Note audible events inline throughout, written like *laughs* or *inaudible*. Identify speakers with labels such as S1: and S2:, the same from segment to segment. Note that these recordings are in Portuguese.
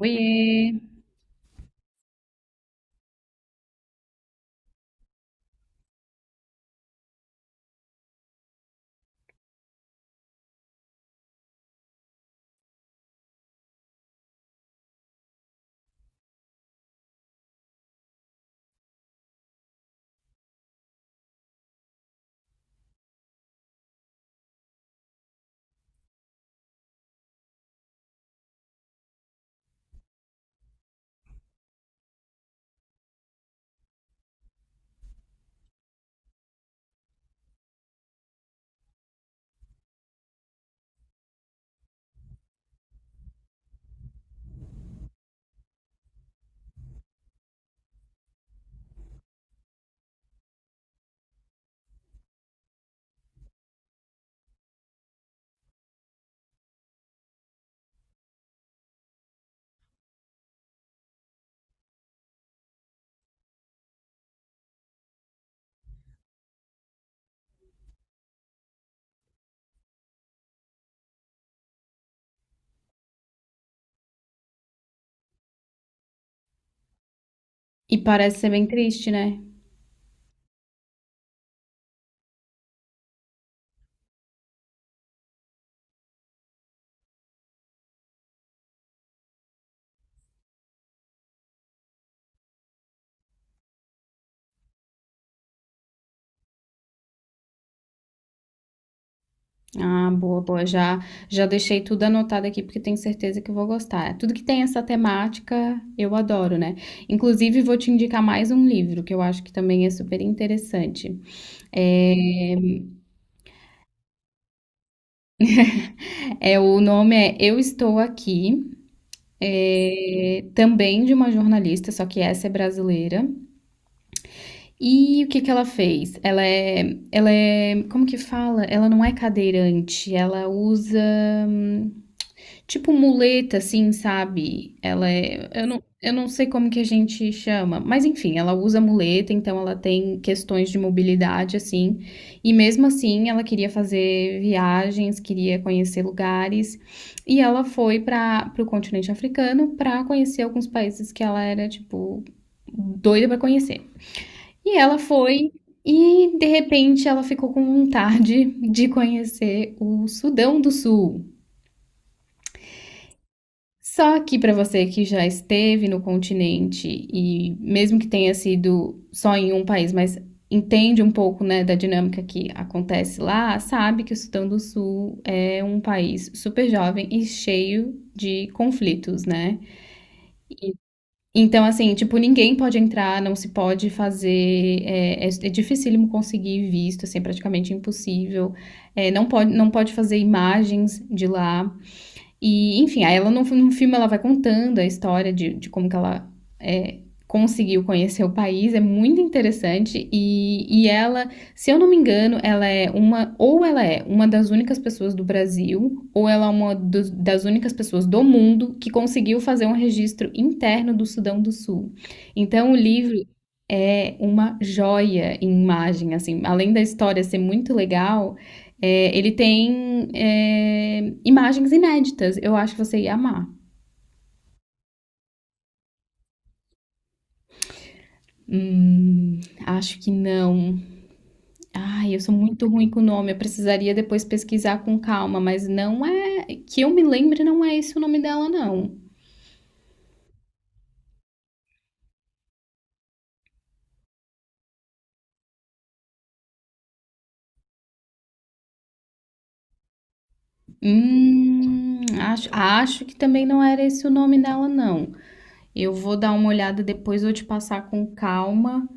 S1: Oiê! E parece ser bem triste, né? Ah, boa, boa. Já, já deixei tudo anotado aqui porque tenho certeza que vou gostar. Tudo que tem essa temática eu adoro, né? Inclusive, vou te indicar mais um livro que eu acho que também é super interessante. É, o nome é Eu Estou Aqui, também de uma jornalista, só que essa é brasileira. E o que que ela fez? Ela é, como que fala? Ela não é cadeirante, ela usa. Tipo muleta, assim, sabe? Ela é. Eu não sei como que a gente chama, mas enfim, ela usa muleta, então ela tem questões de mobilidade, assim. E mesmo assim, ela queria fazer viagens, queria conhecer lugares. E ela foi para o continente africano para conhecer alguns países que ela era, tipo, doida para conhecer. E ela foi. E de repente ela ficou com vontade de conhecer o Sudão do Sul. Só que para você que já esteve no continente e mesmo que tenha sido só em um país, mas entende um pouco, né, da dinâmica que acontece lá, sabe que o Sudão do Sul é um país super jovem e cheio de conflitos, né? Então, assim, tipo, ninguém pode entrar, não se pode fazer, é dificílimo conseguir visto, assim, é praticamente impossível. É, não pode fazer imagens de lá. E, enfim, aí ela no filme ela vai contando a história de como que ela é, conseguiu conhecer o país, é muito interessante. E ela, se eu não me engano, ela é uma, ou ela é uma das únicas pessoas do Brasil, ou ela é uma das únicas pessoas do mundo que conseguiu fazer um registro interno do Sudão do Sul. Então o livro é uma joia em imagem, assim, além da história ser muito legal. Ele tem imagens inéditas. Eu acho que você ia amar. Hum, acho que não. Ai, eu sou muito ruim com o nome. Eu precisaria depois pesquisar com calma, mas não é. Que eu me lembre, não é esse o nome dela, não. Acho que também não era esse o nome dela, não. Eu vou dar uma olhada depois, vou te passar com calma.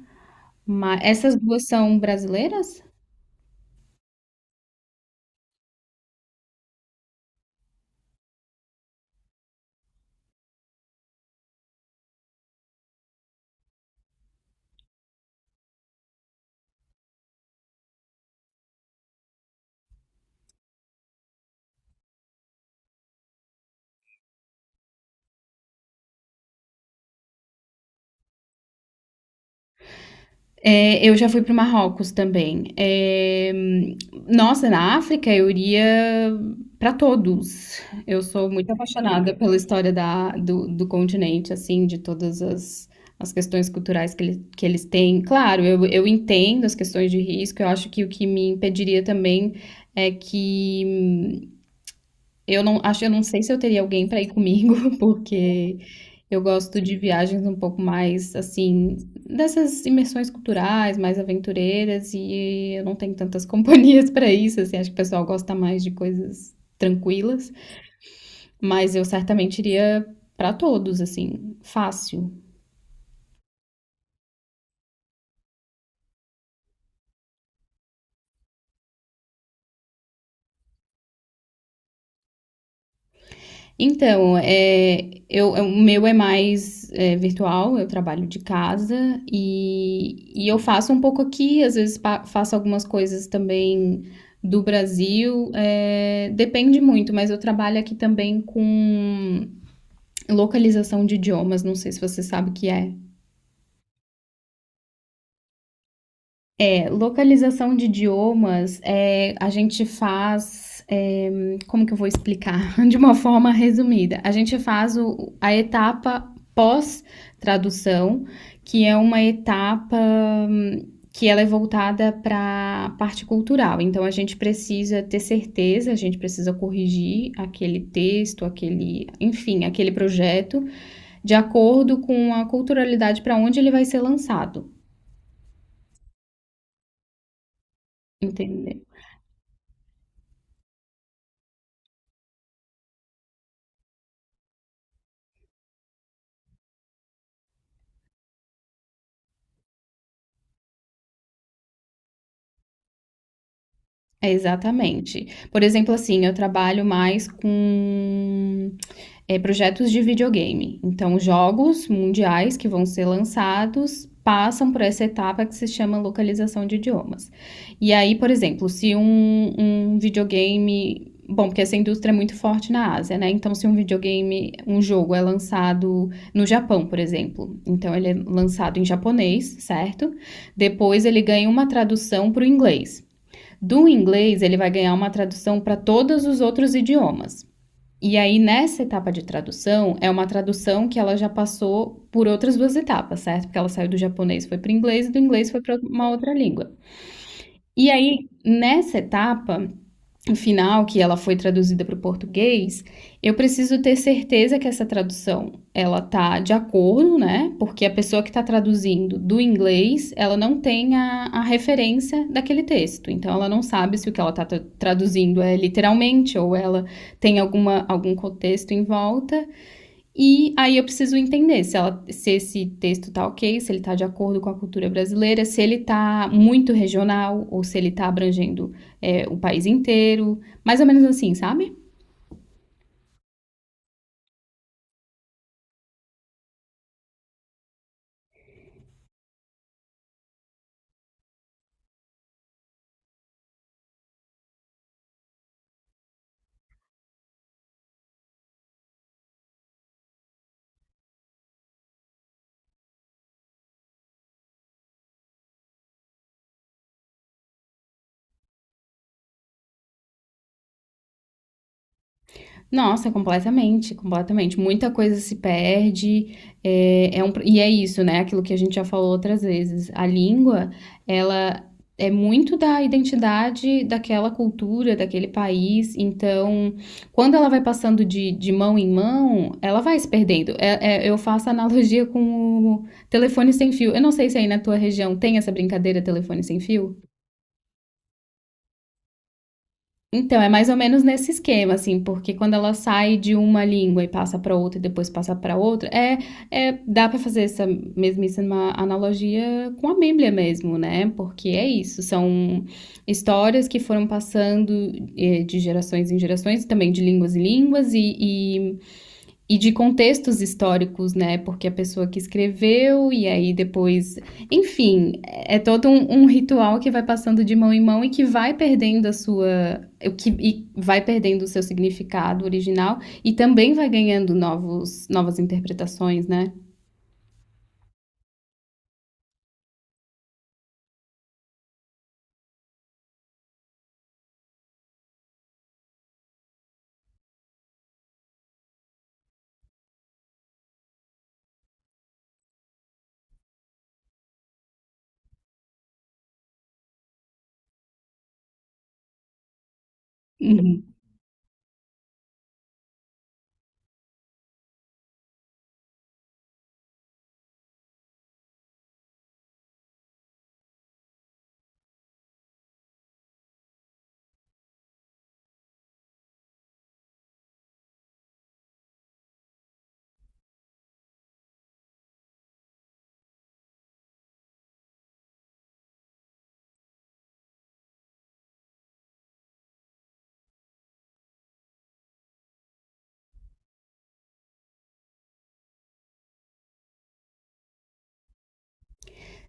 S1: Mas essas duas são brasileiras? É, eu já fui para o Marrocos também. Eh, nossa, na África eu iria para todos. Eu sou muito apaixonada pela história do continente, assim, de todas as, as questões culturais que, ele, que eles têm. Claro, eu entendo as questões de risco, eu acho que o que me impediria também é que eu não acho, eu não sei se eu teria alguém para ir comigo, *laughs* porque eu gosto de viagens um pouco mais assim, dessas imersões culturais, mais aventureiras, e eu não tenho tantas *laughs* companhias para isso, assim, acho que o pessoal gosta mais de coisas tranquilas, mas eu certamente iria para todos, assim, fácil. Então, o meu é mais virtual, eu trabalho de casa e eu faço um pouco aqui, às vezes faço algumas coisas também do Brasil, é, depende muito, mas eu trabalho aqui também com localização de idiomas, não sei se você sabe o que é. É, localização de idiomas, é, a gente faz, é, como que eu vou explicar? *laughs* De uma forma resumida, a gente faz a etapa pós-tradução, que é uma etapa hum, que ela é voltada para a parte cultural. Então, a gente precisa ter certeza, a gente precisa corrigir aquele texto, aquele, enfim, aquele projeto, de acordo com a culturalidade para onde ele vai ser lançado. Entendeu? Exatamente. Por exemplo, assim, eu trabalho mais com, eh, projetos de videogame. Então, jogos mundiais que vão ser lançados passam por essa etapa que se chama localização de idiomas. E aí, por exemplo, se um videogame. Bom, porque essa indústria é muito forte na Ásia, né? Então, se um videogame, um jogo é lançado no Japão, por exemplo, então ele é lançado em japonês, certo? Depois ele ganha uma tradução para o inglês. Do inglês, ele vai ganhar uma tradução para todos os outros idiomas. E aí, nessa etapa de tradução, é uma tradução que ela já passou por outras duas etapas, certo? Porque ela saiu do japonês, foi para o inglês, e do inglês foi para uma outra língua. E aí, nessa etapa final, que ela foi traduzida para o português, eu preciso ter certeza que essa tradução ela tá de acordo, né? Porque a pessoa que está traduzindo do inglês, ela não tem a referência daquele texto. Então, ela não sabe se o que ela está traduzindo é literalmente ou ela tem alguma, algum contexto em volta. E aí eu preciso entender se, ela, se esse texto tá ok, se ele tá de acordo com a cultura brasileira, se ele tá muito regional ou se ele tá abrangendo o país inteiro, mais ou menos assim, sabe? Nossa, completamente, completamente. Muita coisa se perde, e é isso, né? Aquilo que a gente já falou outras vezes. A língua, ela é muito da identidade daquela cultura, daquele país. Então, quando ela vai passando de mão em mão, ela vai se perdendo. Eu faço analogia com o telefone sem fio. Eu não sei se aí na tua região tem essa brincadeira telefone sem fio. Então, é mais ou menos nesse esquema, assim, porque quando ela sai de uma língua e passa para outra e depois passa para outra, dá para fazer essa mesmíssima analogia com a Bíblia mesmo, né? Porque é isso, são histórias que foram passando de gerações em gerações, também de línguas em línguas, e de contextos históricos, né? Porque a pessoa que escreveu e aí depois, enfim, é todo um ritual que vai passando de mão em mão e que vai perdendo a sua, o que e vai perdendo o seu significado original e também vai ganhando novas interpretações, né? Uhum.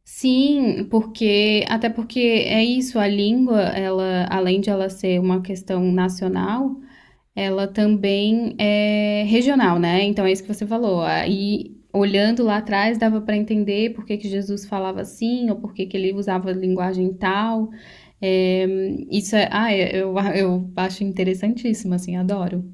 S1: Sim, porque até porque é isso, a língua, ela, além de ela ser uma questão nacional, ela também é regional, né? Então é isso que você falou. Aí, olhando lá atrás, dava para entender por que, que Jesus falava assim, ou por que, que ele usava linguagem tal. É, *laughs* eu acho interessantíssimo, assim, adoro.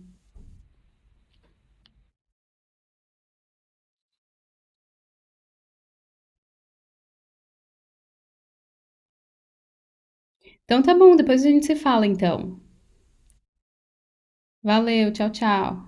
S1: Então tá bom, depois a gente se fala, então. Valeu, tchau, tchau.